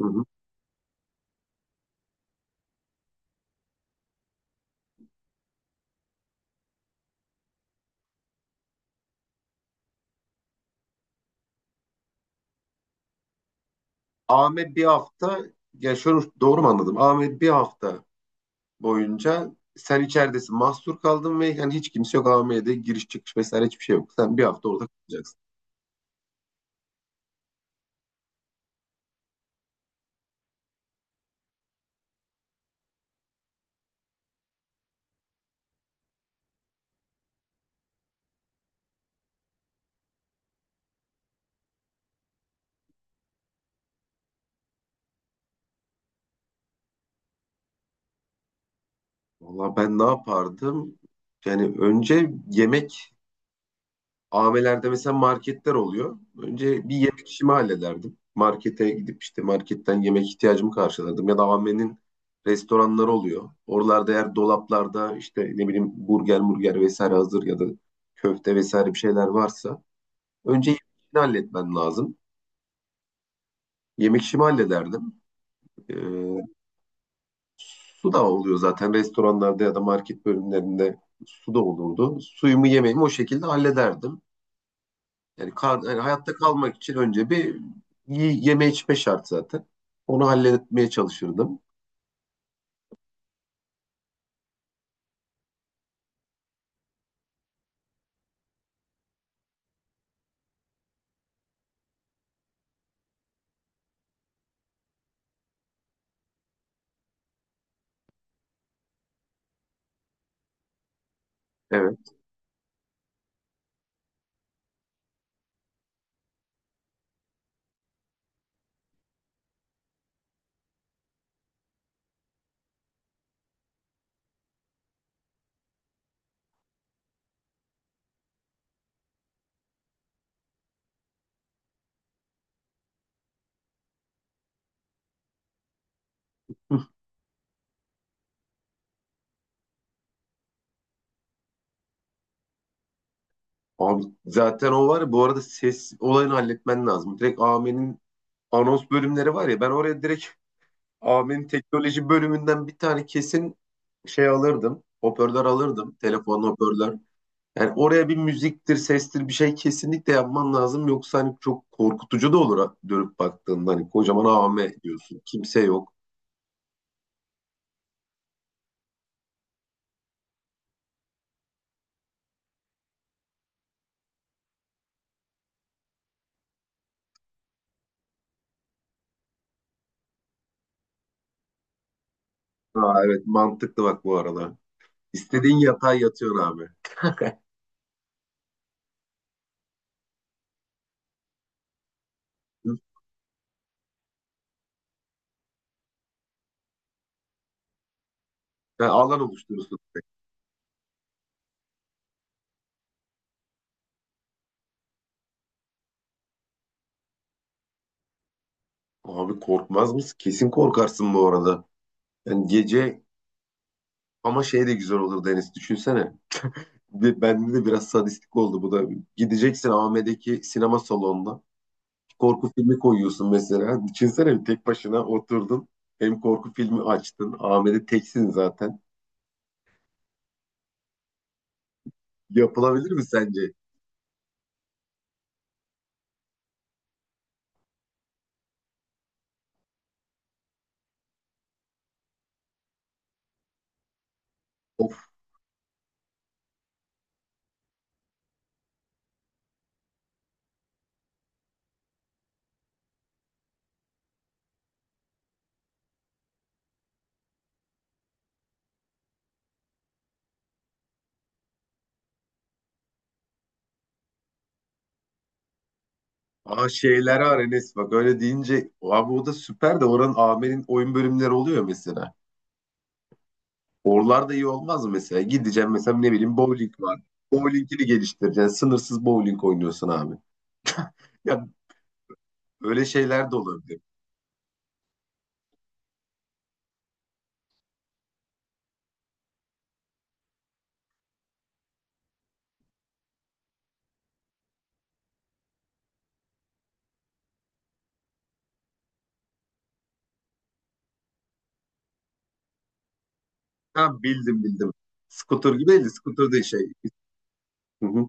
Hı hı. Ahmet bir hafta, ya şöyle doğru mu anladım? Ahmet bir hafta boyunca sen içeridesin, mahsur kaldın ve yani hiç kimse yok AVM'de, giriş çıkış vesaire hiçbir şey yok. Sen bir hafta orada kalacaksın. Valla ben ne yapardım? Yani önce yemek, AVM'lerde mesela marketler oluyor. Önce bir yemek işimi hallederdim. Markete gidip işte marketten yemek ihtiyacımı karşılardım. Ya da AVM'nin restoranları oluyor. Oralarda eğer dolaplarda işte ne bileyim burger murger vesaire hazır, ya da köfte vesaire bir şeyler varsa önce yemek işini halletmen lazım. Yemek işimi hallederdim. Ee, Su da oluyor zaten restoranlarda ya da market bölümlerinde, su da olurdu. Suyumu yemeğimi o şekilde hallederdim. Yani, yani hayatta kalmak için önce bir yeme içme şart zaten. Onu halletmeye çalışırdım. Evet. Hı. Abi zaten o var ya, bu arada ses olayını halletmen lazım. Direkt Ame'nin anons bölümleri var ya, ben oraya direkt Ame'nin teknoloji bölümünden bir tane kesin şey alırdım. Hoparlör alırdım. Telefon hoparlör. Yani oraya bir müziktir, sestir bir şey kesinlikle yapman lazım. Yoksa hani çok korkutucu da olur dönüp baktığında. Hani kocaman AM diyorsun. Kimse yok. Aa, evet mantıklı bak bu arada. İstediğin yatağa yatıyorsun abi. Ha, alan oluşturursun. Abi korkmaz mısın? Kesin korkarsın bu arada. Yani gece, ama şey de güzel olur Deniz. Düşünsene. Ve bende de biraz sadistik oldu bu da. Gideceksin AVM'deki sinema salonuna. Korku filmi koyuyorsun mesela. Düşünsene, tek başına oturdun. Hem korku filmi açtın. AVM'de teksin zaten. Yapılabilir mi sence? O, aa şeyler var Enes, bak öyle deyince abi o da süper de, oranın AM'nin oyun bölümleri oluyor mesela. Oralar da iyi olmaz mı mesela? Gideceğim mesela, ne bileyim, bowling var. Bowling'ini geliştireceksin. Sınırsız bowling oynuyorsun abi. Ya öyle şeyler de olabilir. Ha, bildim. Scooter gibi değil de, scooter değil şey. Hı hı.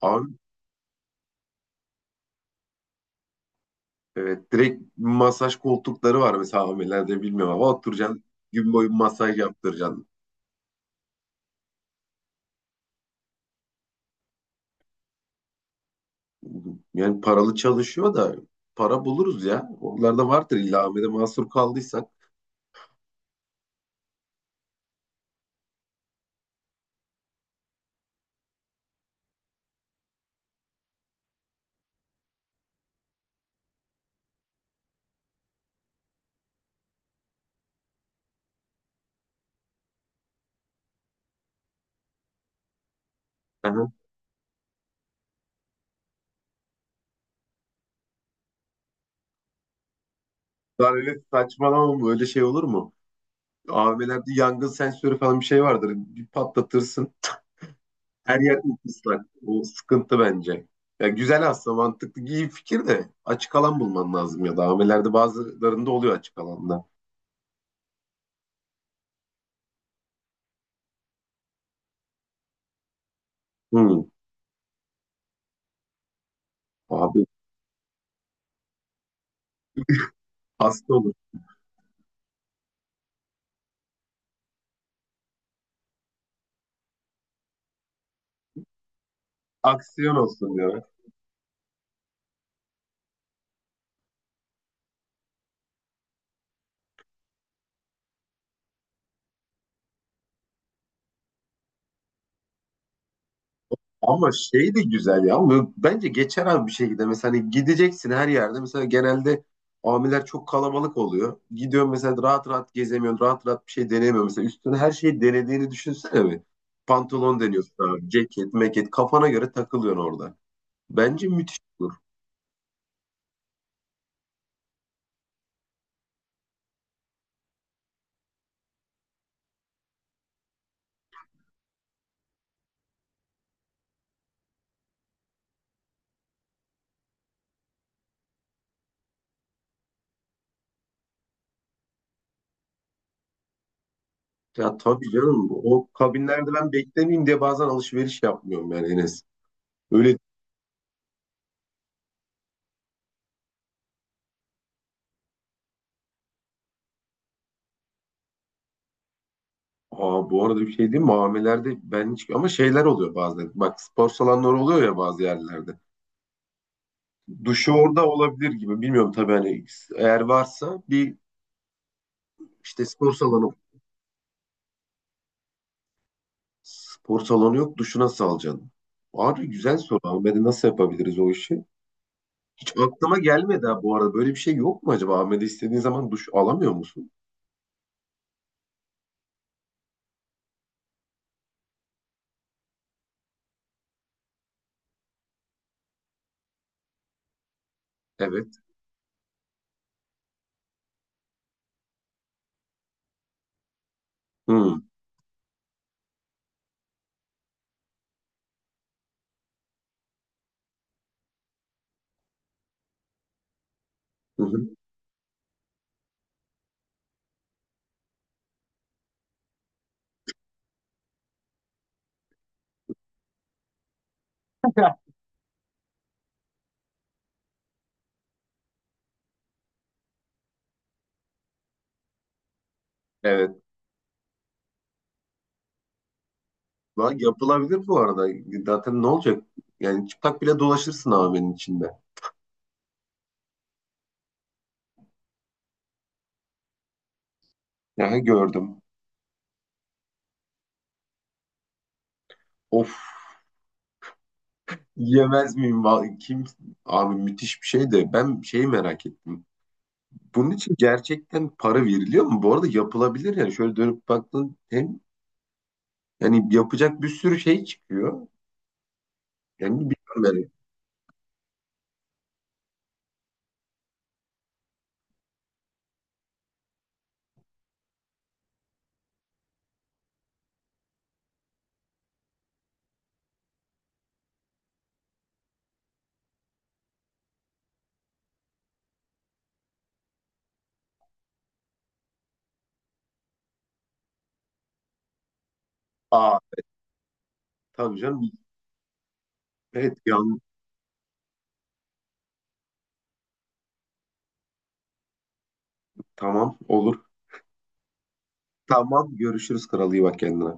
Abi evet, direkt masaj koltukları var mesela AM'lerde, bilmiyorum ama oturacaksın, gün boyu masaj yaptıracaksın. Yani paralı çalışıyor da, para buluruz ya. Onlarda vardır illa, AVM'de mahsur kaldıysak. Aha. Lan öyle saçmalama, öyle şey olur mu? AVM'lerde yangın sensörü falan bir şey vardır. Bir patlatırsın. Her yer ıslak. O sıkıntı bence. Ya güzel aslında, mantıklı, iyi fikir de açık alan bulman lazım, ya da AVM'lerde bazılarında oluyor açık alanda. Hı. Abi hasta olur. Aksiyon olsun ya. Ama şey de güzel ya. Ama bence geçer abi bir şekilde. Mesela hani gideceksin her yerde. Mesela genelde amiler çok kalabalık oluyor. Gidiyorsun mesela, rahat rahat gezemiyorsun. Rahat rahat bir şey denemiyorsun. Mesela üstüne her şeyi denediğini düşünsene mi? Pantolon deniyorsun abi. Ceket, meket. Kafana göre takılıyorsun orada. Bence müthiş olur. Ya tabii canım. O kabinlerde ben beklemeyeyim diye bazen alışveriş yapmıyorum yani Enes. Öyle, aa, bu arada bir şey diyeyim mi? Amilerde ben hiç... Ama şeyler oluyor bazen. Bak spor salonları oluyor ya bazı yerlerde. Duşu orada olabilir gibi. Bilmiyorum tabii, hani eğer varsa bir, işte spor salonu, spor salonu yok, duşu nasıl alacaksın? Abi güzel soru, Ahmet'e nasıl yapabiliriz o işi? Hiç aklıma gelmedi ha, bu arada. Böyle bir şey yok mu acaba? Ahmet'e istediğin zaman duş alamıyor musun? Evet. Hmm. Hı hı. Evet. Lan yapılabilir bu arada. Zaten ne olacak? Yani çıplak bile dolaşırsın Ahmet'in içinde. Aha, gördüm. Of. Yemez miyim? Kim? Abi müthiş bir şey de, ben şeyi merak ettim. Bunun için gerçekten para veriliyor mu? Bu arada yapılabilir yani. Şöyle dönüp baktın hem, yani yapacak bir sürü şey çıkıyor. Yani bilmiyorum yani. Aa tabii canım. Evet, tamam olur. Tamam, görüşürüz kral, iyi bak kendine.